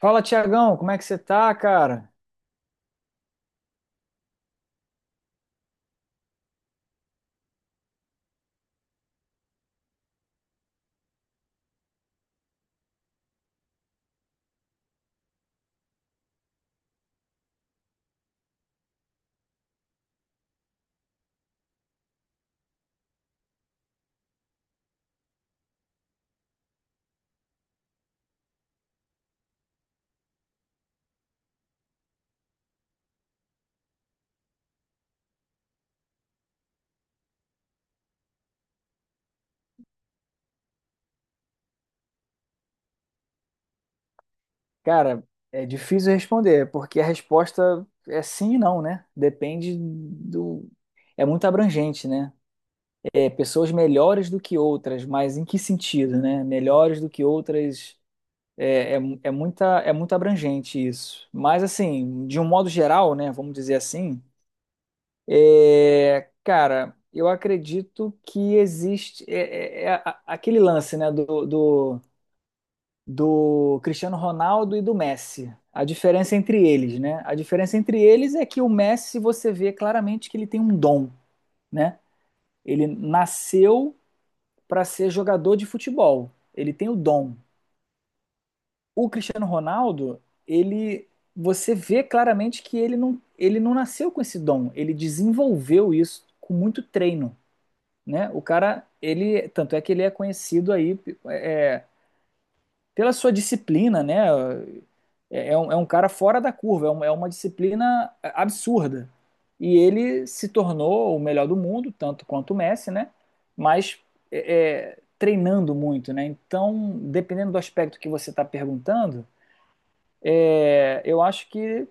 Fala, Tiagão, como é que você tá, cara? Cara, é difícil responder, porque a resposta é sim e não, né? Depende do. É muito abrangente, né? É, pessoas melhores do que outras, mas em que sentido, né? Melhores do que outras. É muito abrangente isso. Mas, assim, de um modo geral, né? Vamos dizer assim, cara, eu acredito que existe. Aquele lance, né? Do Cristiano Ronaldo e do Messi. A diferença entre eles, né? A diferença entre eles é que o Messi você vê claramente que ele tem um dom, né? Ele nasceu para ser jogador de futebol. Ele tem o dom. O Cristiano Ronaldo, ele você vê claramente que ele não nasceu com esse dom, ele desenvolveu isso com muito treino, né? O cara, ele, tanto é que ele é conhecido aí é pela sua disciplina, né? É um cara fora da curva, é uma disciplina absurda. E ele se tornou o melhor do mundo, tanto quanto o Messi, né? Mas treinando muito, né? Então, dependendo do aspecto que você está perguntando, eu acho que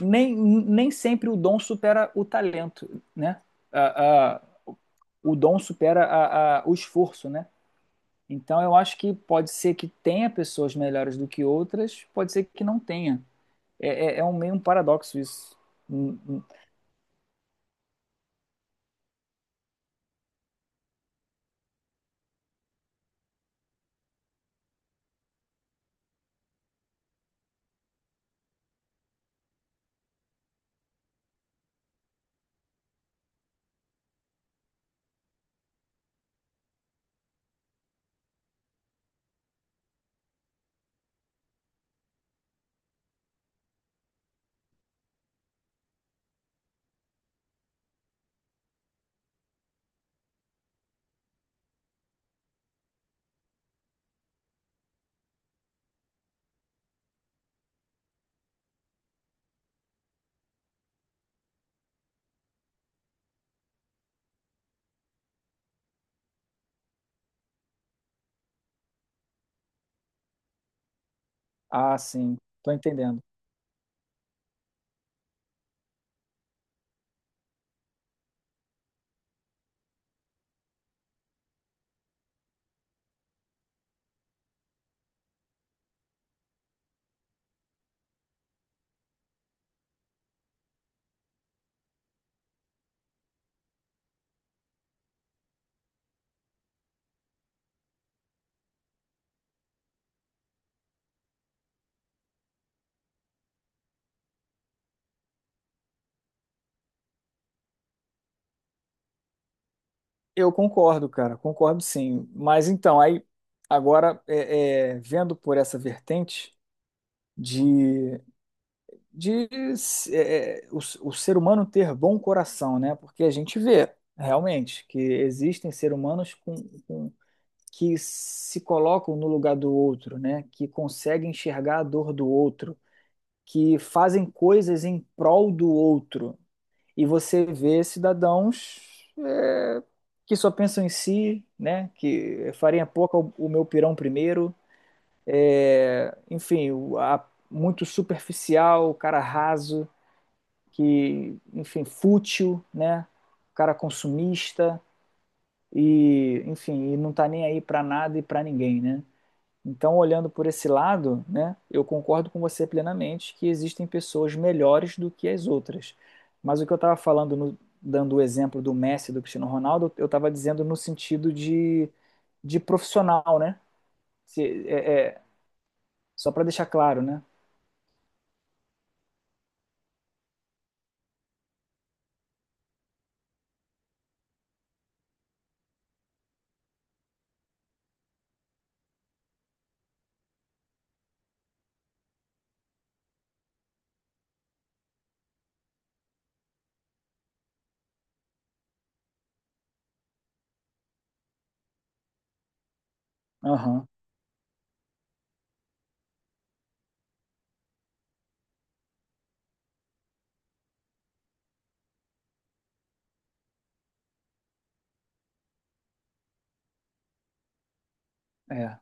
nem sempre o dom supera o talento, né? A, a, o dom supera o esforço, né? Então eu acho que pode ser que tenha pessoas melhores do que outras, pode ser que não tenha. É um meio um paradoxo isso. Hum, hum. Ah, sim, tô entendendo. Eu concordo, cara, concordo sim. Mas então, aí agora vendo por essa vertente de, de é, é, o, o ser humano ter bom coração, né? Porque a gente vê realmente que existem seres humanos com que se colocam no lugar do outro, né? Que conseguem enxergar a dor do outro, que fazem coisas em prol do outro. E você vê cidadãos que só pensam em si, né? Que farinha pouca o meu pirão primeiro. Enfim, muito superficial, o cara raso, que, enfim, fútil, né? O cara consumista e, enfim, e não tá nem aí para nada e para ninguém, né? Então, olhando por esse lado, né, eu concordo com você plenamente que existem pessoas melhores do que as outras. Mas o que eu estava falando, dando o exemplo do Messi e do Cristiano Ronaldo, eu estava dizendo no sentido de profissional, né? Se- é- é- Só para deixar claro, né? Aham, é.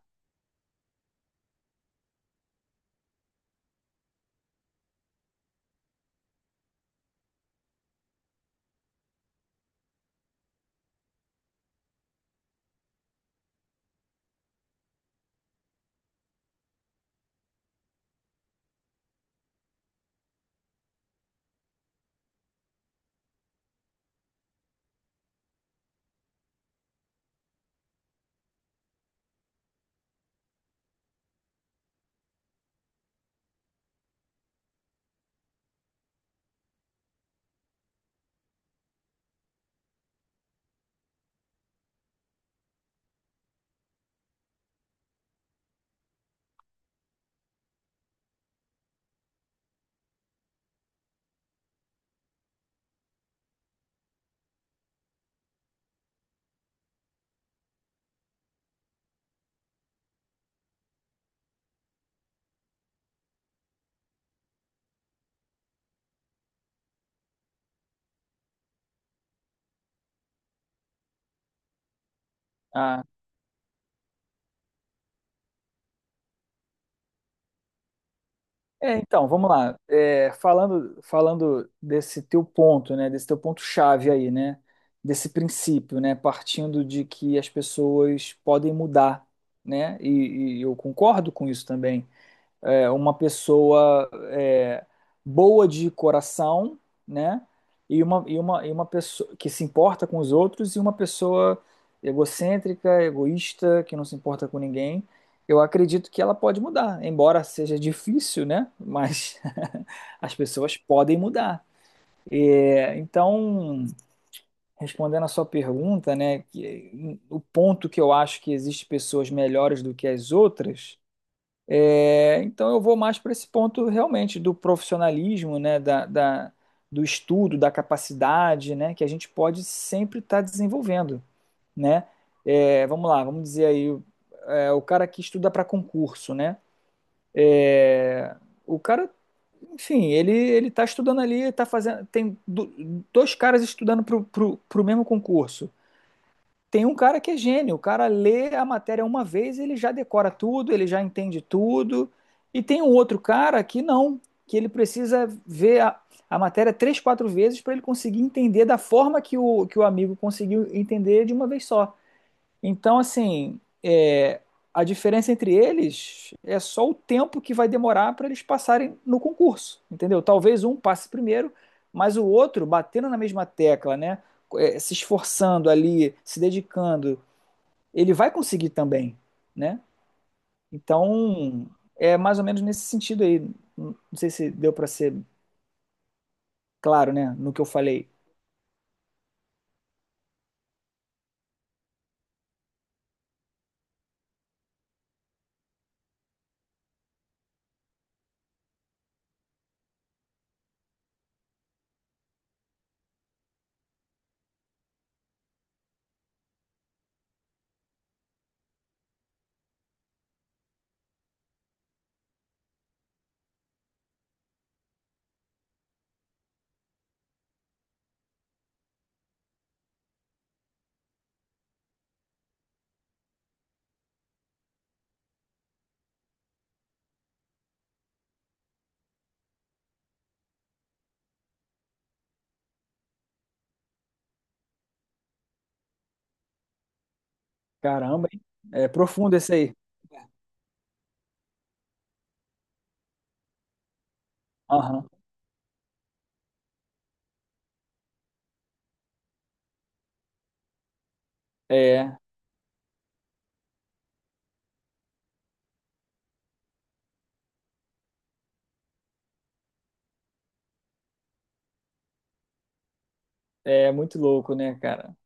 Ah, é, então, vamos lá. É, falando desse teu ponto, né, desse teu ponto-chave aí, né, desse princípio, né, partindo de que as pessoas podem mudar, né, e, eu concordo com isso também. Uma pessoa é, boa de coração, né? E uma pessoa que se importa com os outros e uma pessoa egocêntrica, egoísta, que não se importa com ninguém. Eu acredito que ela pode mudar, embora seja difícil, né? Mas as pessoas podem mudar. É, então, respondendo a sua pergunta, né? Que o ponto que eu acho que existe pessoas melhores do que as outras é, então eu vou mais para esse ponto realmente do profissionalismo, né, do estudo, da capacidade, né, que a gente pode sempre estar desenvolvendo, né? É, vamos lá, vamos dizer aí, é, o cara que estuda para concurso, né? O cara, enfim, ele está estudando ali, tá fazendo, tem dois caras estudando para o mesmo concurso. Tem um cara que é gênio, o cara lê a matéria uma vez, ele já decora tudo, ele já entende tudo. E tem um outro cara que não, que ele precisa ver a matéria três, quatro vezes para ele conseguir entender da forma que que o amigo conseguiu entender de uma vez só. Então, assim, é, a diferença entre eles é só o tempo que vai demorar para eles passarem no concurso, entendeu? Talvez um passe primeiro, mas o outro, batendo na mesma tecla, né? Se esforçando ali, se dedicando, ele vai conseguir também, né? Então, é mais ou menos nesse sentido aí. Não sei se deu para ser claro, né? No que eu falei. Caramba, hein? É profundo esse aí. Aham. É, é muito louco, né, cara?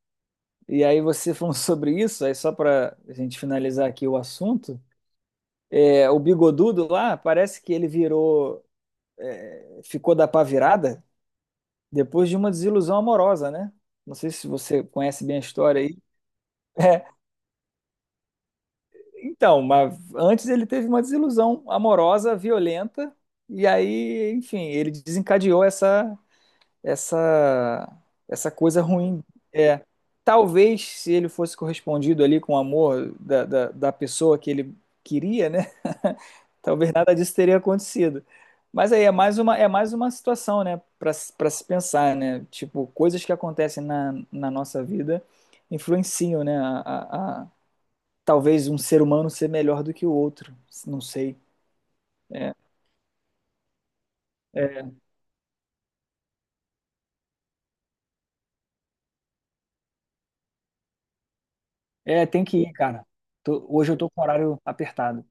E aí você falou sobre isso, aí só para a gente finalizar aqui o assunto, é, o bigodudo lá, parece que ele virou, é, ficou da pá virada depois de uma desilusão amorosa, né? Não sei se você conhece bem a história aí. É, então, mas antes ele teve uma desilusão amorosa, violenta, e aí, enfim, ele desencadeou essa essa coisa ruim. É, talvez se ele fosse correspondido ali com o amor da pessoa que ele queria, né? Talvez nada disso teria acontecido. Mas aí é mais uma situação, né, para se pensar, né? Tipo, coisas que acontecem na, na nossa vida influenciam, né? Talvez um ser humano ser melhor do que o outro, não sei. É, é, tem que ir, cara. Tô hoje eu tô com o horário apertado.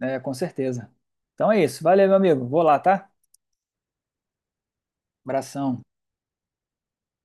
É, com certeza. Então é isso. Valeu, meu amigo. Vou lá, tá? Abração.